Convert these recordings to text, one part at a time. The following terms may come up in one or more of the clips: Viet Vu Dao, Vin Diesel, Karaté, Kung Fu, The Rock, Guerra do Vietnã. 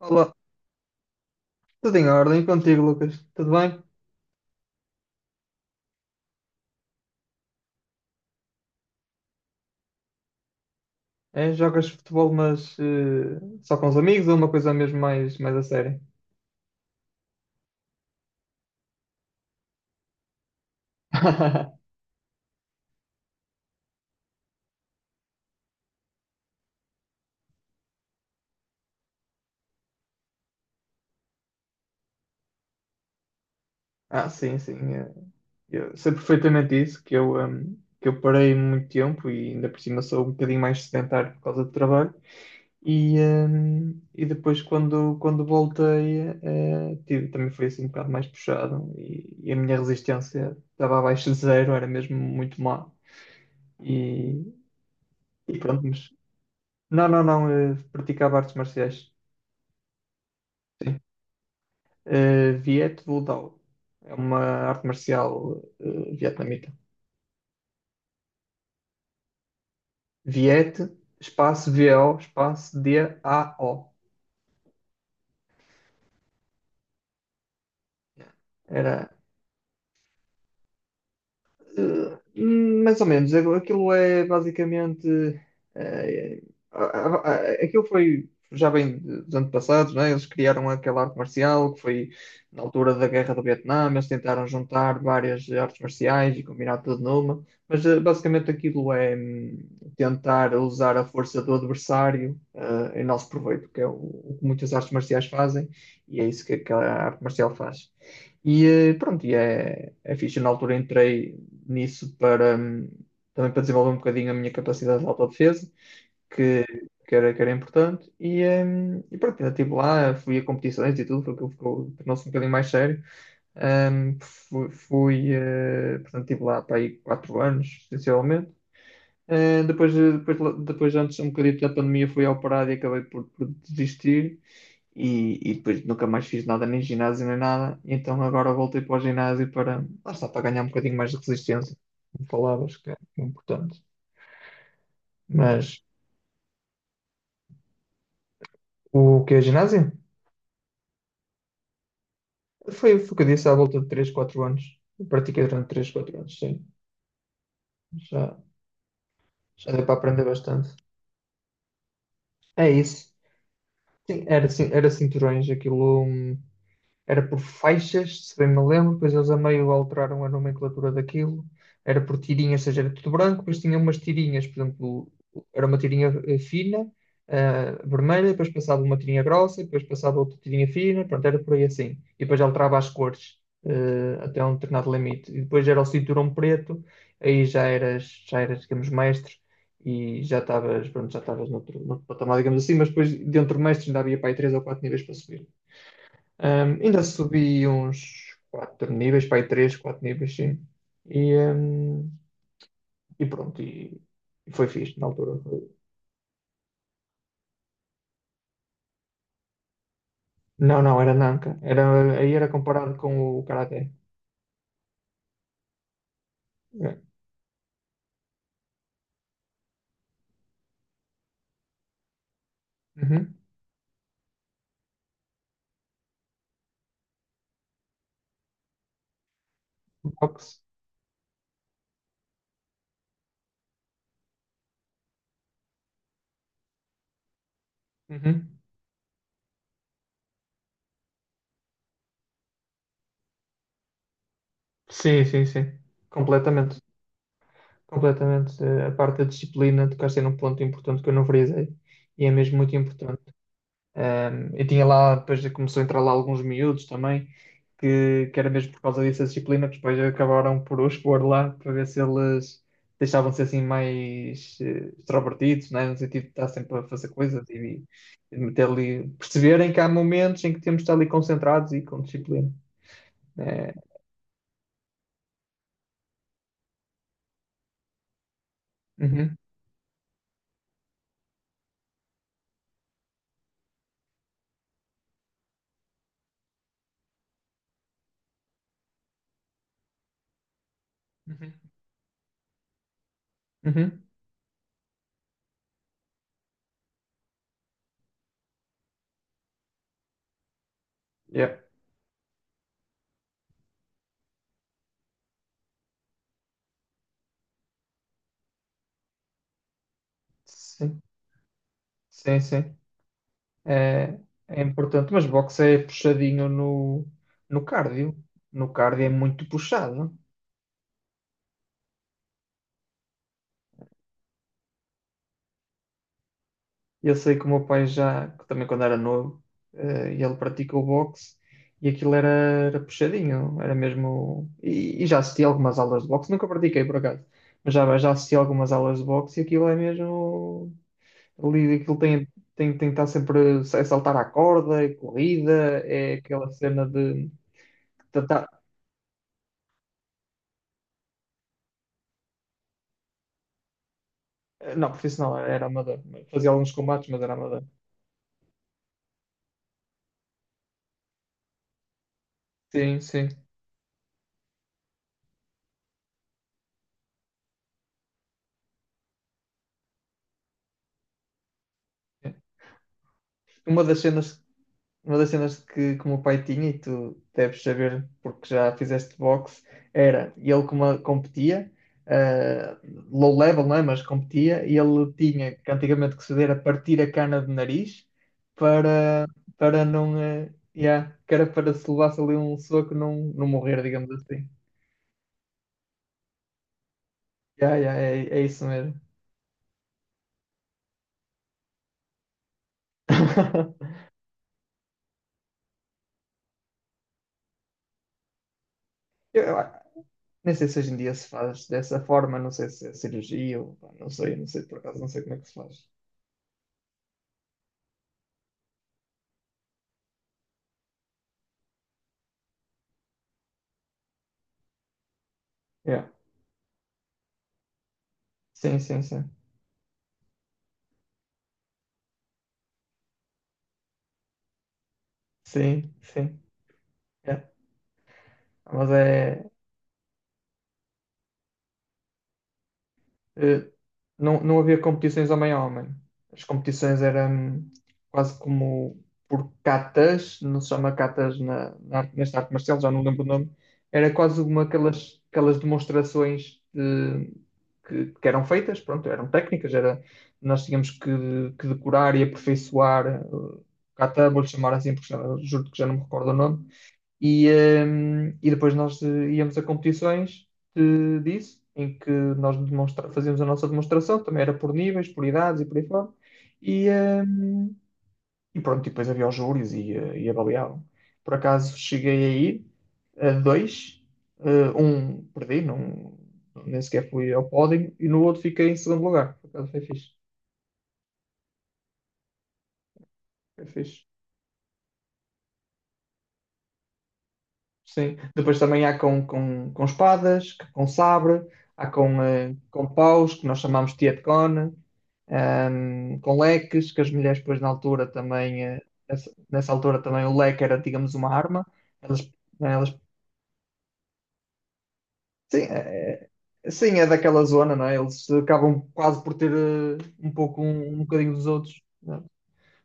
Olá, tudo em ordem contigo, Lucas? Tudo bem? É, jogas futebol, mas só com os amigos ou uma coisa mesmo mais a sério? Ah, sim, sim. Eu sei perfeitamente isso, que eu parei muito tempo e ainda por cima sou um bocadinho mais sedentário por causa do trabalho. E depois quando voltei, tive, também foi assim um bocado mais puxado e a minha resistência estava abaixo de zero, era mesmo muito má. E, e pronto, mas Não, não, não, praticava artes marciais. Sim. Viet Vu Dao. É uma arte marcial vietnamita. Viet, espaço V-O, espaço D-A-O. Era, Eh, Mais ou menos, aquilo é basicamente. eh, Aquilo foi já bem dos antepassados, né? Eles criaram aquela arte marcial que foi na altura da Guerra do Vietnã. Eles tentaram juntar várias artes marciais e combinar tudo numa, mas basicamente aquilo é tentar usar a força do adversário em nosso proveito, que é o que muitas artes marciais fazem, e é isso que aquela arte marcial faz. E pronto, e é fixe. Na altura entrei nisso para também para desenvolver um bocadinho a minha capacidade de autodefesa, que, que era importante. E pronto, ainda estive lá, fui a competições e tudo, porque ficou, tornou-se um bocadinho mais sério. Portanto, estive lá para aí quatro anos, essencialmente. Eh, depois, eh, depois, Depois, antes, um bocadinho da pandemia, fui ao parado e acabei por desistir. E depois nunca mais fiz nada, nem ginásio, nem nada. Então agora voltei para o ginásio para, lá está, para ganhar um bocadinho mais de resistência. Como falavas, que é importante. Mas o que é ginásio? Foi o que eu disse, à volta de 3 4 anos. Eu pratiquei durante 3, 4 anos, sim. Já, Já deu para aprender bastante. É isso. Sim, era, era cinturões, aquilo. Era por faixas, se bem me lembro, depois eles a meio alteraram a nomenclatura daquilo, era por tirinhas, ou seja, era tudo branco, depois tinha umas tirinhas, por exemplo, era uma tirinha fina, vermelha, depois passava uma tirinha grossa, depois passava outra tirinha fina, pronto, era por aí assim. E depois alterava as cores, até um determinado limite. E depois era o cinturão preto, aí já eras, digamos, mestre. E já estavas, pronto, já estavas noutro patamar, digamos assim, mas depois dentro do mestre ainda havia para aí três ou quatro níveis para subir. Ainda subi uns 4 níveis, para aí 3, 4 níveis, sim. E, e pronto, e, e foi fixe na altura. Não, não, era Nanka. Era, aí era comparado com o Karaté. É. Uhum. Boxe. Uhum. Sim, sim, sim. Completamente. Completamente. A parte da disciplina, tocaste aí num ponto importante que eu não frisei. E é mesmo muito importante. Um, e tinha lá, depois começou a entrar lá alguns miúdos também, que era mesmo por causa dessa disciplina, que depois acabaram por o expor lá, para ver se eles deixavam-se assim mais extrovertidos, né? No sentido de estar sempre a fazer coisas e de meter ali, perceberem que há momentos em que temos de estar ali concentrados e com disciplina. É, uhum, uhum, uhum, yeah. Sim, sim, sim. É, é importante, mas boxe é puxadinho no cardio. No cardio é muito puxado. Eu sei que o meu pai já, que também quando era novo, ele praticou boxe e aquilo era, era puxadinho, era mesmo. E já assisti algumas aulas de boxe, nunca pratiquei por acaso, mas já assisti algumas aulas de boxe e aquilo é mesmo. Ali, tem que estar sempre a saltar à corda, é corrida, é aquela cena de. tentar- Não, profissional, era amador, fazia alguns combates, mas era amador. Sim, sim. Uma das cenas. Uma das cenas que o meu pai tinha, e tu deves saber porque já fizeste boxe, era ele como competia, eh, low level, não é? Mas competia, e ele tinha que antigamente que se dera partir a cana de nariz para, para não. Yeah, que era para se levasse ali um soco não, não morrer, digamos assim. Yeah, yeah, é, é isso mesmo. Eu, ah, Nem sei se hoje em dia se faz dessa forma, não sei se é cirurgia, ou, pá, não sei, não sei por acaso, não sei como é que se faz. Yeah. Sim, sim, sim. Sim, sim. É. Mas é. eh, Não, não havia competições homem a homem. As competições eram quase como por catas, não se chama catas nesta arte marcial, já não lembro o nome. Era quase uma aquelas, aquelas demonstrações de- que eram feitas, pronto, eram técnicas, era, nós tínhamos que decorar e aperfeiçoar o kata, vou-lhe chamar assim, porque já, juro que já não me recordo o nome. E, e depois nós íamos a competições de- disso, em que nós fazíamos a nossa demonstração, também era por níveis, por idades e por aí fora. E, hum, e pronto, e depois havia os júris e avaliavam. Por acaso cheguei a ir a dois, um perdi, não, nem sequer fui ao pódio, e no outro fiquei em segundo lugar. Por acaso foi fixe, foi fixe. Sim. Depois também há com espadas, com sabre, há com, com paus, que nós chamamos de tietcon, com leques, que as mulheres depois na altura também, nessa altura também o leque era, digamos, uma arma. Elas, elas, sim, sim, é daquela zona, não é? Eles acabam quase por ter um bocadinho dos outros. Não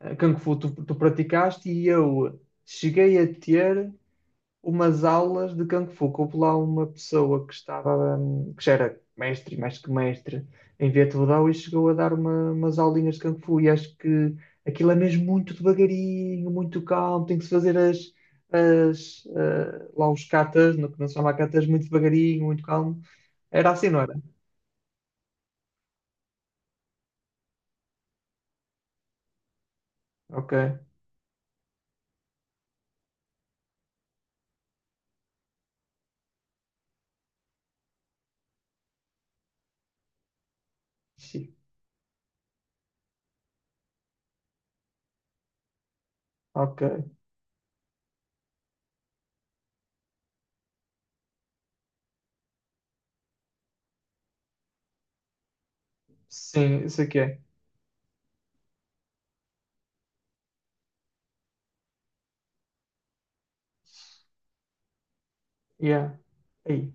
é? Kung Fu tu praticaste e eu cheguei a ter umas aulas de Kung Fu. Houve lá uma pessoa que estava, que já era mestre, mais que mestre, em Vietnã e chegou a dar umas aulinhas de Kung Fu. E acho que aquilo é mesmo muito devagarinho, muito calmo, tem que se fazer lá os katas, no que não se chama katas, muito devagarinho, muito calmo. Era assim, não era? Ok. Sim. Ok. Sim, isso aqui é. Yeah. Aí.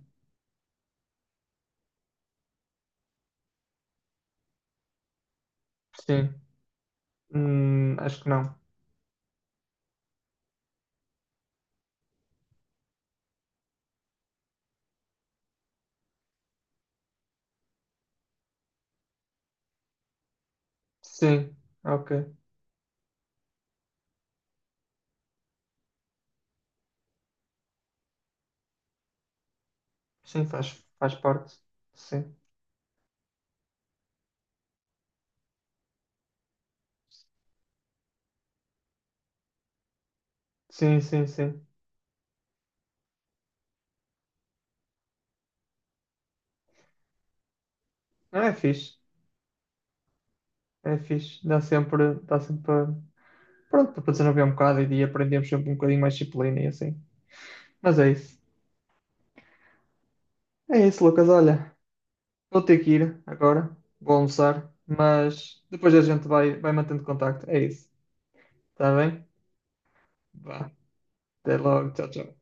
Sim. Acho que não. Sim. Ok. Sim, faz, faz parte. Sim, sim, sim, sim. Não, é fixe, é fixe. Dá sempre para, pronto, para desenvolver um bocado e de aprendemos sempre um bocadinho mais disciplina e assim. Mas é isso. É isso, Lucas. Olha, vou ter que ir agora. Vou almoçar, mas depois a gente vai mantendo contacto. É isso. Está bem? Vá. Até logo. Tchau, tchau.